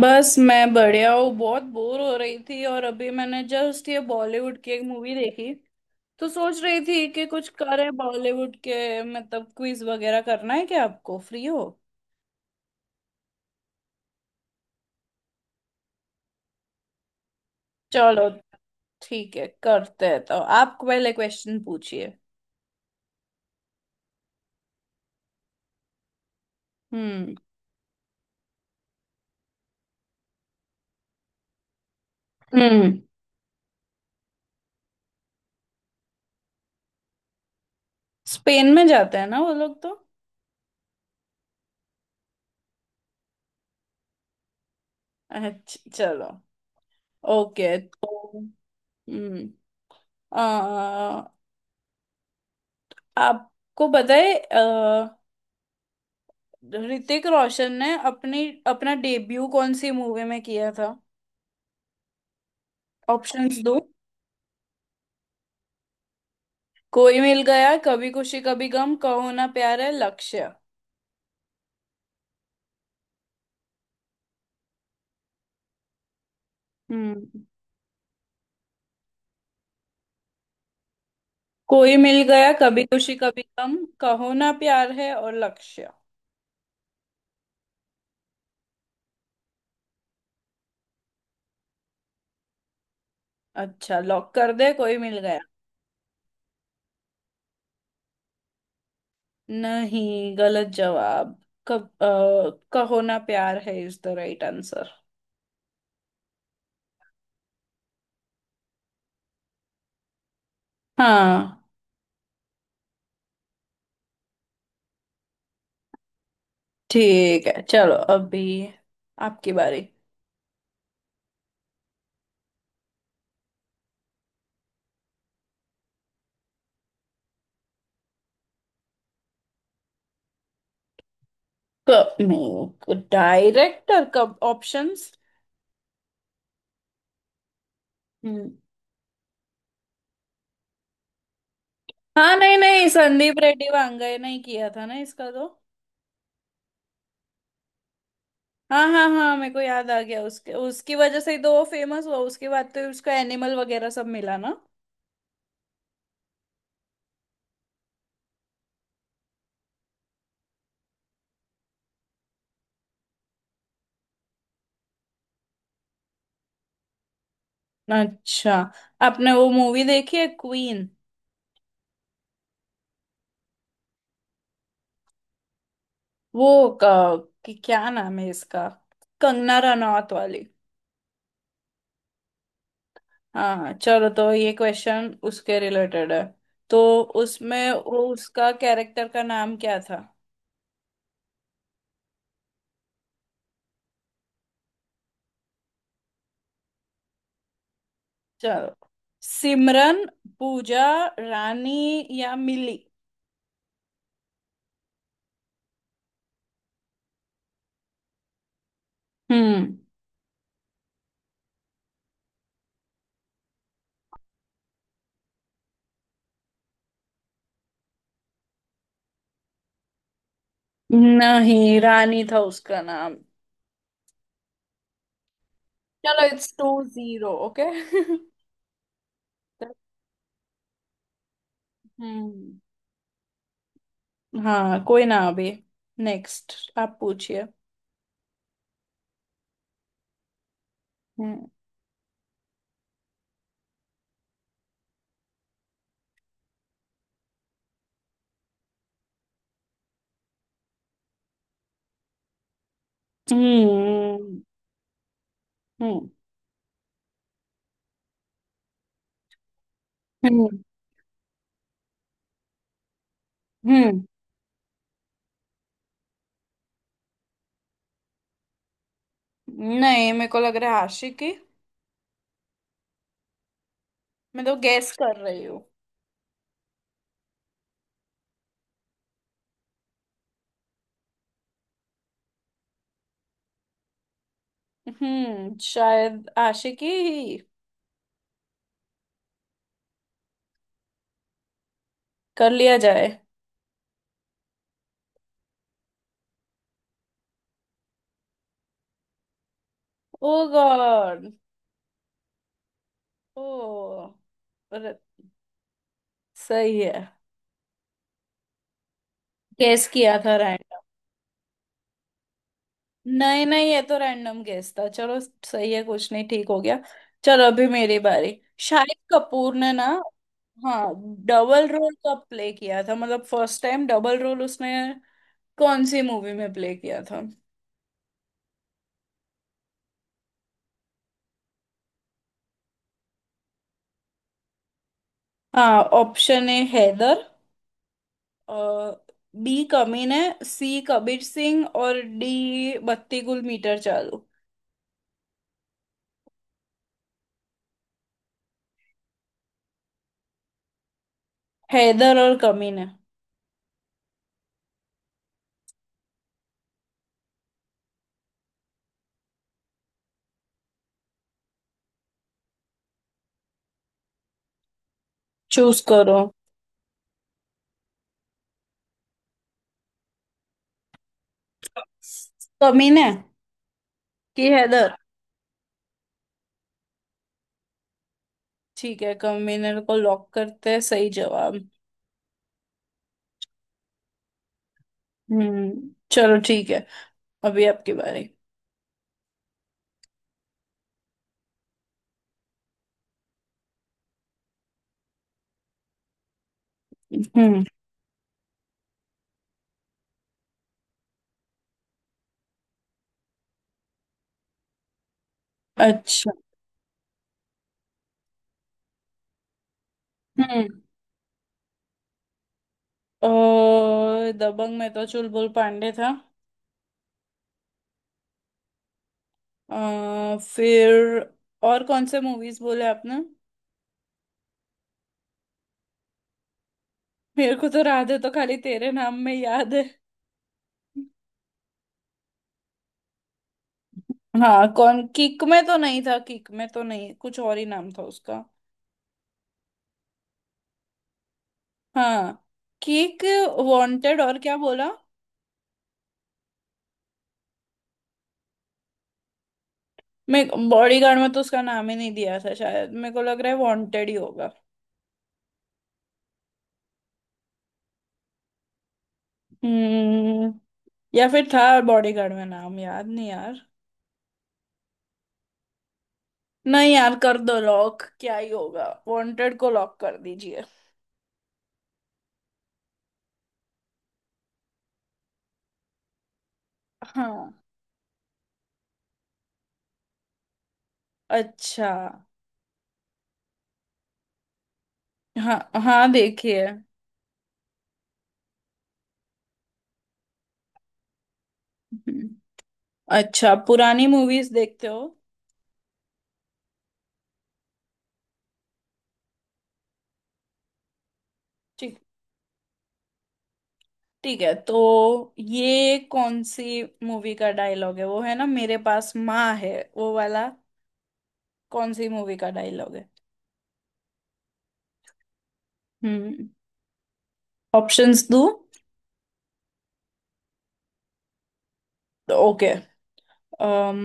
बस मैं बढ़िया हूँ। बहुत बोर हो रही थी और अभी मैंने जस्ट ये बॉलीवुड की एक मूवी देखी। तो सोच रही थी कि कुछ करें बॉलीवुड के मतलब क्विज वगैरह करना है क्या? आपको फ्री हो? चलो ठीक है करते हैं तो आप पहले क्वेश्चन पूछिए। हम्म। हम्म। स्पेन में जाते हैं ना वो लोग तो। अच्छा चलो, ओके तो। हम्म। अ, आपको पता है ऋतिक रोशन ने अपनी अपना डेब्यू कौन सी मूवी में किया था? ऑप्शंस दो। कोई मिल गया, कभी खुशी कभी गम, कहो ना प्यार है, लक्ष्य। हम्म। कोई मिल गया, कभी खुशी कभी गम, कहो ना प्यार है और लक्ष्य। अच्छा, लॉक कर दे कोई मिल गया। नहीं, गलत जवाब। कब कहो Naa Pyaar Hai is the right answer. हाँ। ठीक है चलो, अभी आपकी बारी। नहीं डायरेक्टर कब, ऑप्शंस। हम्म। हाँ नहीं नहीं, संदीप रेड्डी वांगए नहीं किया था ना इसका तो? हाँ हाँ हाँ, मेरे को याद आ गया। उसके उसकी वजह से ही तो वो फेमस हुआ, उसके बाद तो उसको एनिमल वगैरह सब मिला ना। अच्छा, आपने वो मूवी देखी है, क्वीन? वो कि क्या नाम है इसका, कंगना रनौत वाली। हाँ चलो, तो ये क्वेश्चन उसके रिलेटेड है तो उसमें वो उसका कैरेक्टर का नाम क्या था? चलो, सिमरन, पूजा, रानी या मिली। हम्म। नहीं, रानी था उसका नाम। चलो इट्स टू जीरो ओके। हम्म। हाँ कोई ना, अभी नेक्स्ट आप पूछिए। हम्म। हम्म। हम्म। हम्म। हम्म, नहीं, मेरे को लग रहा है आशिकी। मैं तो गैस कर रही हूँ। हम्म, शायद आशिकी ही। कर लिया जाए। Oh god. ओ, सही है। गेस किया था रैंडम। नहीं नहीं, ये तो रैंडम गेस था। चलो सही है, कुछ नहीं ठीक हो गया। चलो अभी मेरी बारी। शाहिद कपूर ने ना, हाँ, डबल रोल कब प्ले किया था, मतलब फर्स्ट टाइम डबल रोल उसने कौन सी मूवी में प्ले किया था? हाँ, option A Haider, B Kaminey, C Kabir Singh और डी बत्ती गुल मीटर चालू। हैदर और कमीने। चूज करो। कमीने की हैदर। ठीक है, कन्वीनर को लॉक करते हैं सही जवाब। चलो ठीक है, अभी आपकी बारी। हम्म। अच्छा। हम्म। दबंग में तो चुलबुल पांडे था। फिर और कौन से मूवीज बोले आपने? मेरे को तो राधे तो खाली तेरे नाम में याद है। हाँ कौन, किक में तो नहीं था, किक में तो नहीं, कुछ और ही नाम था उसका। हाँ, किक, वांटेड और क्या बोला? मैं बॉडीगार्ड में तो उसका नाम ही नहीं दिया था शायद, मेरे को लग रहा है वांटेड ही होगा। हम्म। या फिर था बॉडीगार्ड में, नाम याद नहीं यार। नहीं यार, कर दो लॉक, क्या ही होगा, वांटेड को लॉक कर दीजिए। हाँ। अच्छा। हाँ हाँ, देखिए। हम्म। अच्छा, पुरानी मूवीज देखते हो? ठीक, ठीक है तो ये कौन सी मूवी का डायलॉग है वो है ना, मेरे पास माँ है, वो वाला। कौन सी मूवी का डायलॉग है? हम्म। ऑप्शंस दो। ओके, अम,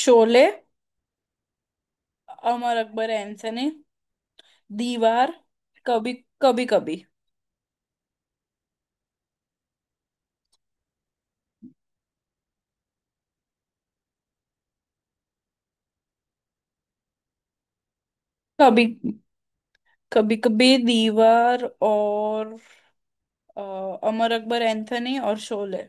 शोले, अमर अकबर एंथनी, दीवार, कभी कभी। कभी कभी, कभी कभी, दीवार और अ, अमर अकबर एंथनी और शोले।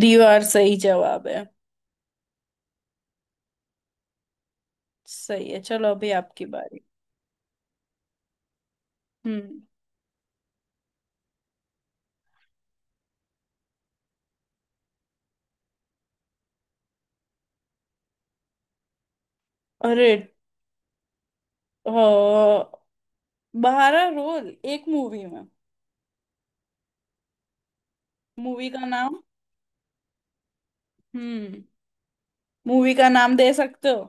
दीवार सही जवाब है? सही है चलो, अभी आपकी बारी। हम्म। अरे, अ, बहारा रोल एक मूवी में? मूवी का नाम? हम्म। मूवी का नाम दे सकते हो?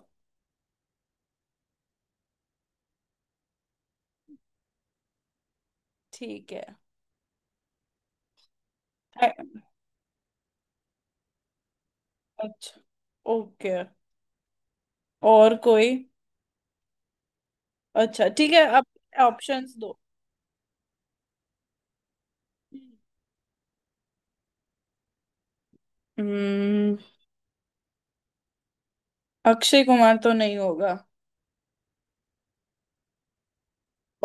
ठीक है। अच्छा, ओके। और कोई, अच्छा ठीक है आप ऑप्शंस दो। हम्म। अक्षय कुमार तो नहीं होगा।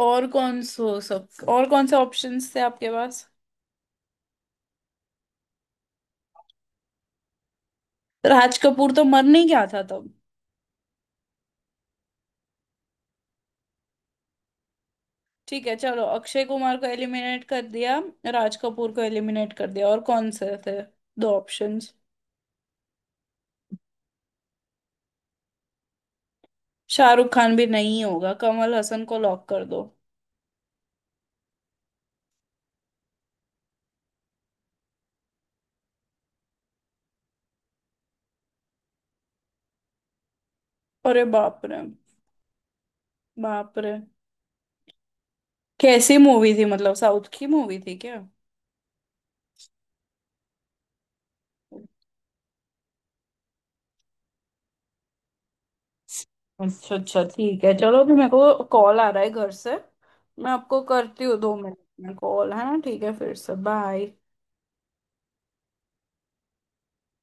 और कौन सो सब, और कौन से ऑप्शंस थे आपके पास? राज कपूर तो मर नहीं गया था तब? ठीक है चलो, अक्षय कुमार को एलिमिनेट कर दिया, राज कपूर को एलिमिनेट कर दिया, और कौन से थे दो ऑप्शंस? शाहरुख खान भी नहीं होगा, कमल हसन को लॉक कर दो। अरे बाप रे। बाप रे। कैसी मूवी थी, मतलब साउथ की मूवी थी क्या? अच्छा अच्छा ठीक है चलो, अभी मेरे को कॉल आ रहा है घर से। मैं आपको करती हूँ 2 मिनट में, कॉल है ना। ठीक है फिर, से बाय।